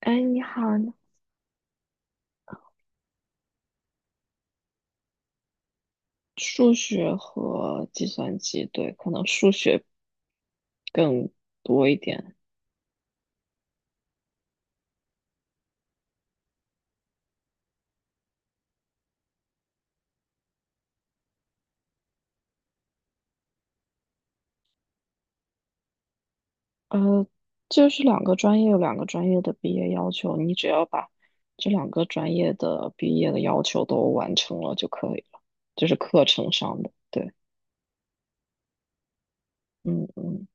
哎，你好。数学和计算机，对，可能数学更多一点。呃，就是两个专业有两个专业的毕业要求，你只要把这两个专业的毕业的要求都完成了就可以了，就是课程上的。对。嗯嗯。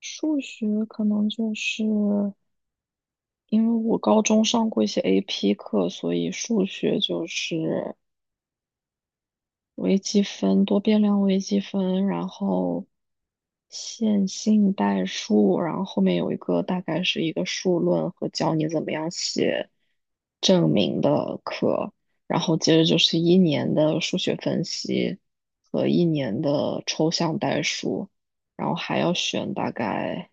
数学可能就是因为我高中上过一些 AP 课，所以数学就是微积分、多变量微积分，然后线性代数，然后后面有一个大概是一个数论和教你怎么样写证明的课，然后接着就是一年的数学分析和一年的抽象代数，然后还要选大概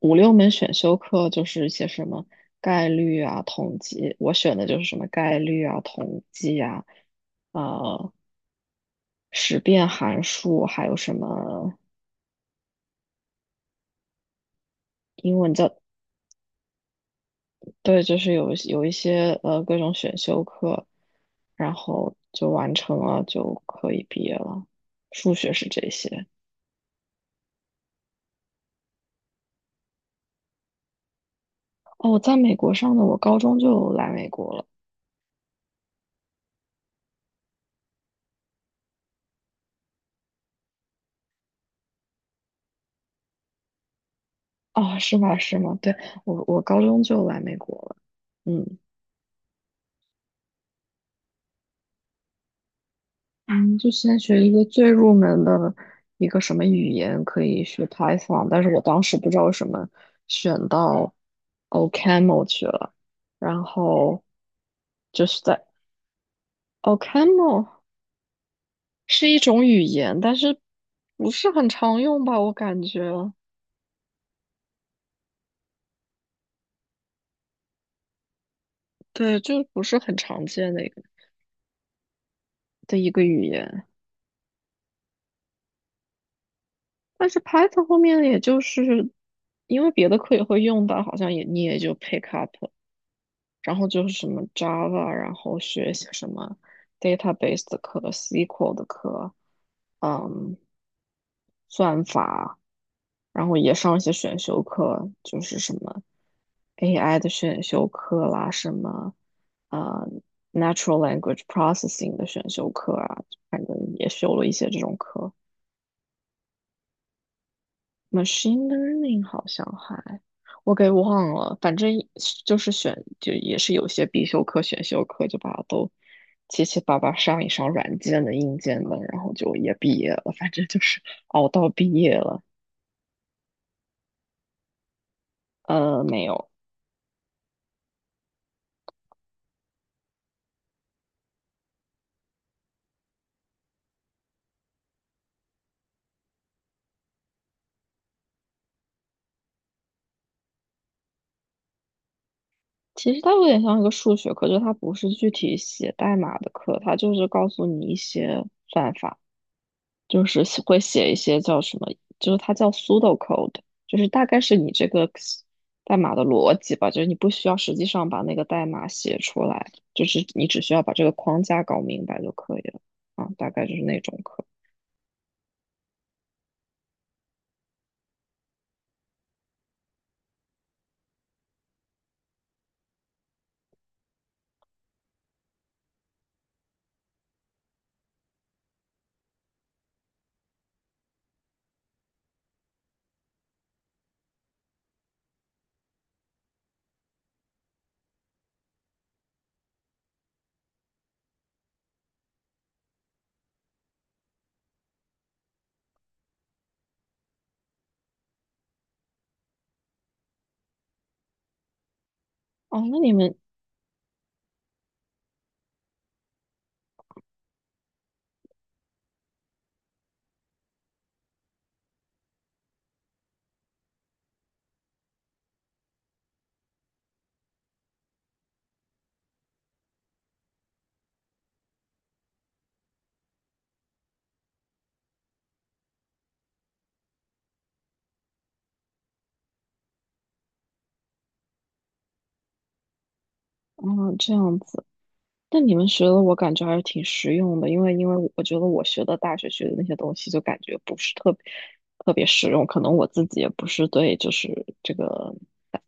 五六门选修课，就是一些什么概率啊、统计，我选的就是什么概率啊、统计啊。啊、识变函数，还有什么英文叫，对，就是有一些各种选修课，然后就完成了，就可以毕业了。数学是这些。哦，我在美国上的，我高中就来美国了。哦，是吗？是吗？对，我高中就来美国了。嗯。嗯，就先学一个最入门的一个什么语言，可以学 Python，但是我当时不知道为什么选到 OCaml 去了，然后就是在 OCaml 是一种语言，但是不是很常用吧，我感觉。对，就不是很常见的一个的一个语言，但是 Python 后面也就是因为别的课也会用到，好像也你也就 pick up。然后就是什么 Java，然后学一些什么 database 的课、SQL 的课，嗯，算法，然后也上一些选修课，就是什么 AI 的选修课啦，什么呃 natural language processing 的选修课啊，反正也修了一些这种课。machine learning 好像还我给忘了，反正就是选就也是有些必修课、选修课就把它都七七八八上一上软件的、硬件的，然后就也毕业了，反正就是熬到毕业了。没有。其实它有点像一个数学课，就它不是具体写代码的课，它就是告诉你一些算法。就是写会写一些叫什么，就是它叫 pseudocode，就是大概是你这个代码的逻辑吧，就是你不需要实际上把那个代码写出来，就是你只需要把这个框架搞明白就可以了。啊，大概就是那种课。哦，那你们，嗯，这样子。那你们学的我感觉还是挺实用的，因为因为我觉得我学的大学学的那些东西就感觉不是特别特别实用，可能我自己也不是对就是这个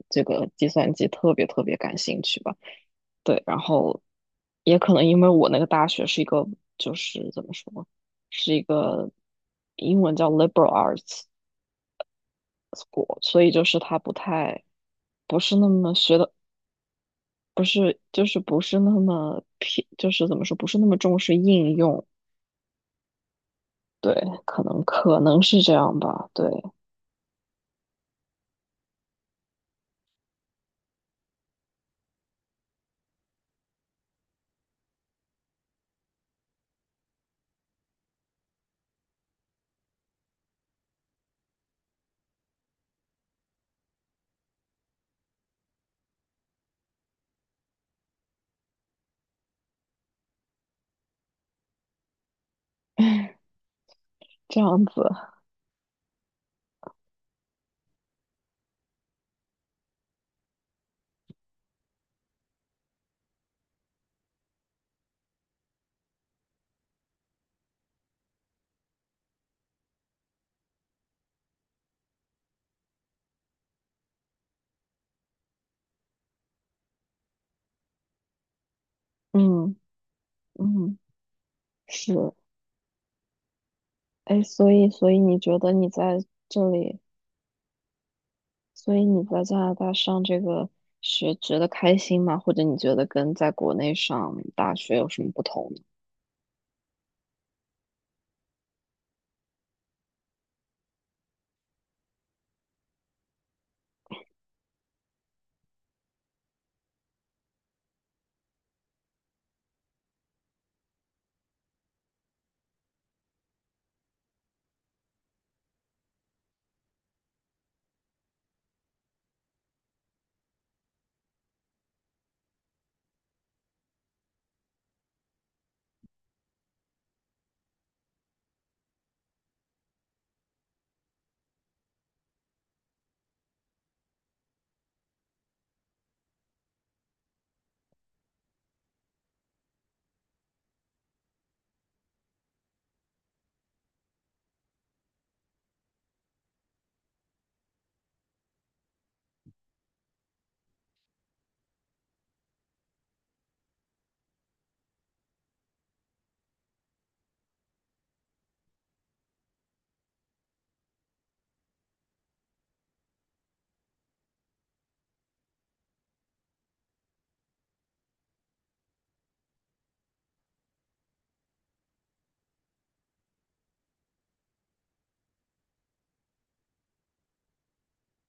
这个计算机特别特别感兴趣吧。对，然后也可能因为我那个大学是一个，就是怎么说，是一个英文叫 liberal arts school，所以就是它不太不是那么学的，不是就是不是那么偏，就是怎么说，不是那么重视应用。对，可能可能是这样吧。对。这样子。嗯嗯。是。哎，所以所以你觉得你在这里？所以你在加拿大上这个学觉得开心吗？或者你觉得跟在国内上大学有什么不同呢？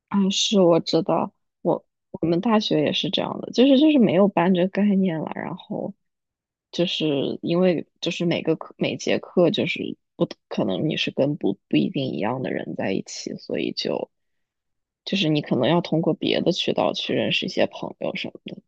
啊，是我知道，我我们大学也是这样的，就是就是没有班这个概念了，然后就是因为就是每个课每节课就是不可能你是跟不一定一样的人在一起，所以就就是你可能要通过别的渠道去认识一些朋友什么的。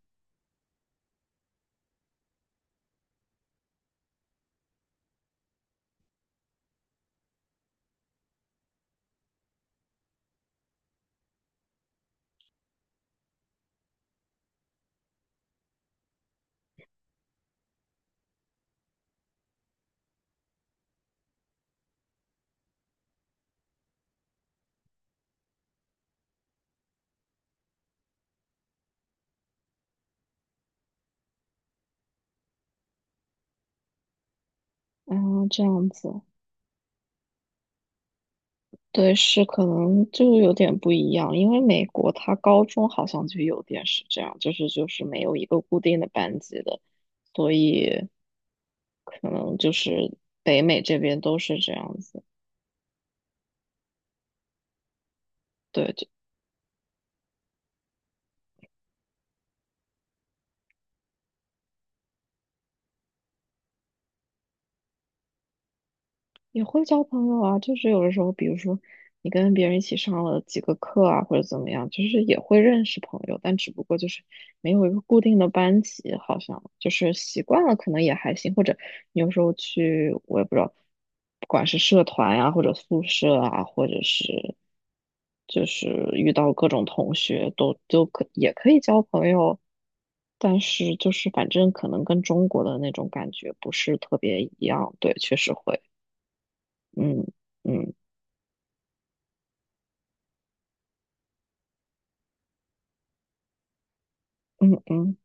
啊，这样子。对，是可能就有点不一样，因为美国它高中好像就有点是这样，就是就是没有一个固定的班级的，所以可能就是北美这边都是这样子。对，也会交朋友啊，就是有的时候，比如说你跟别人一起上了几个课啊，或者怎么样，就是也会认识朋友，但只不过就是没有一个固定的班级，好像就是习惯了，可能也还行。或者你有时候去，我也不知道，不管是社团呀、或者宿舍啊，或者是就是遇到各种同学都也可以交朋友，但是就是反正可能跟中国的那种感觉不是特别一样，对，确实会。嗯嗯。嗯嗯。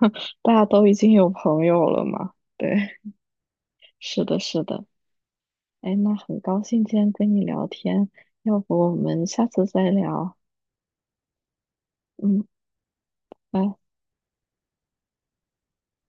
大家都已经有朋友了嘛？对。是的，是的。哎，那很高兴今天跟你聊天，要不我们下次再聊？嗯，拜。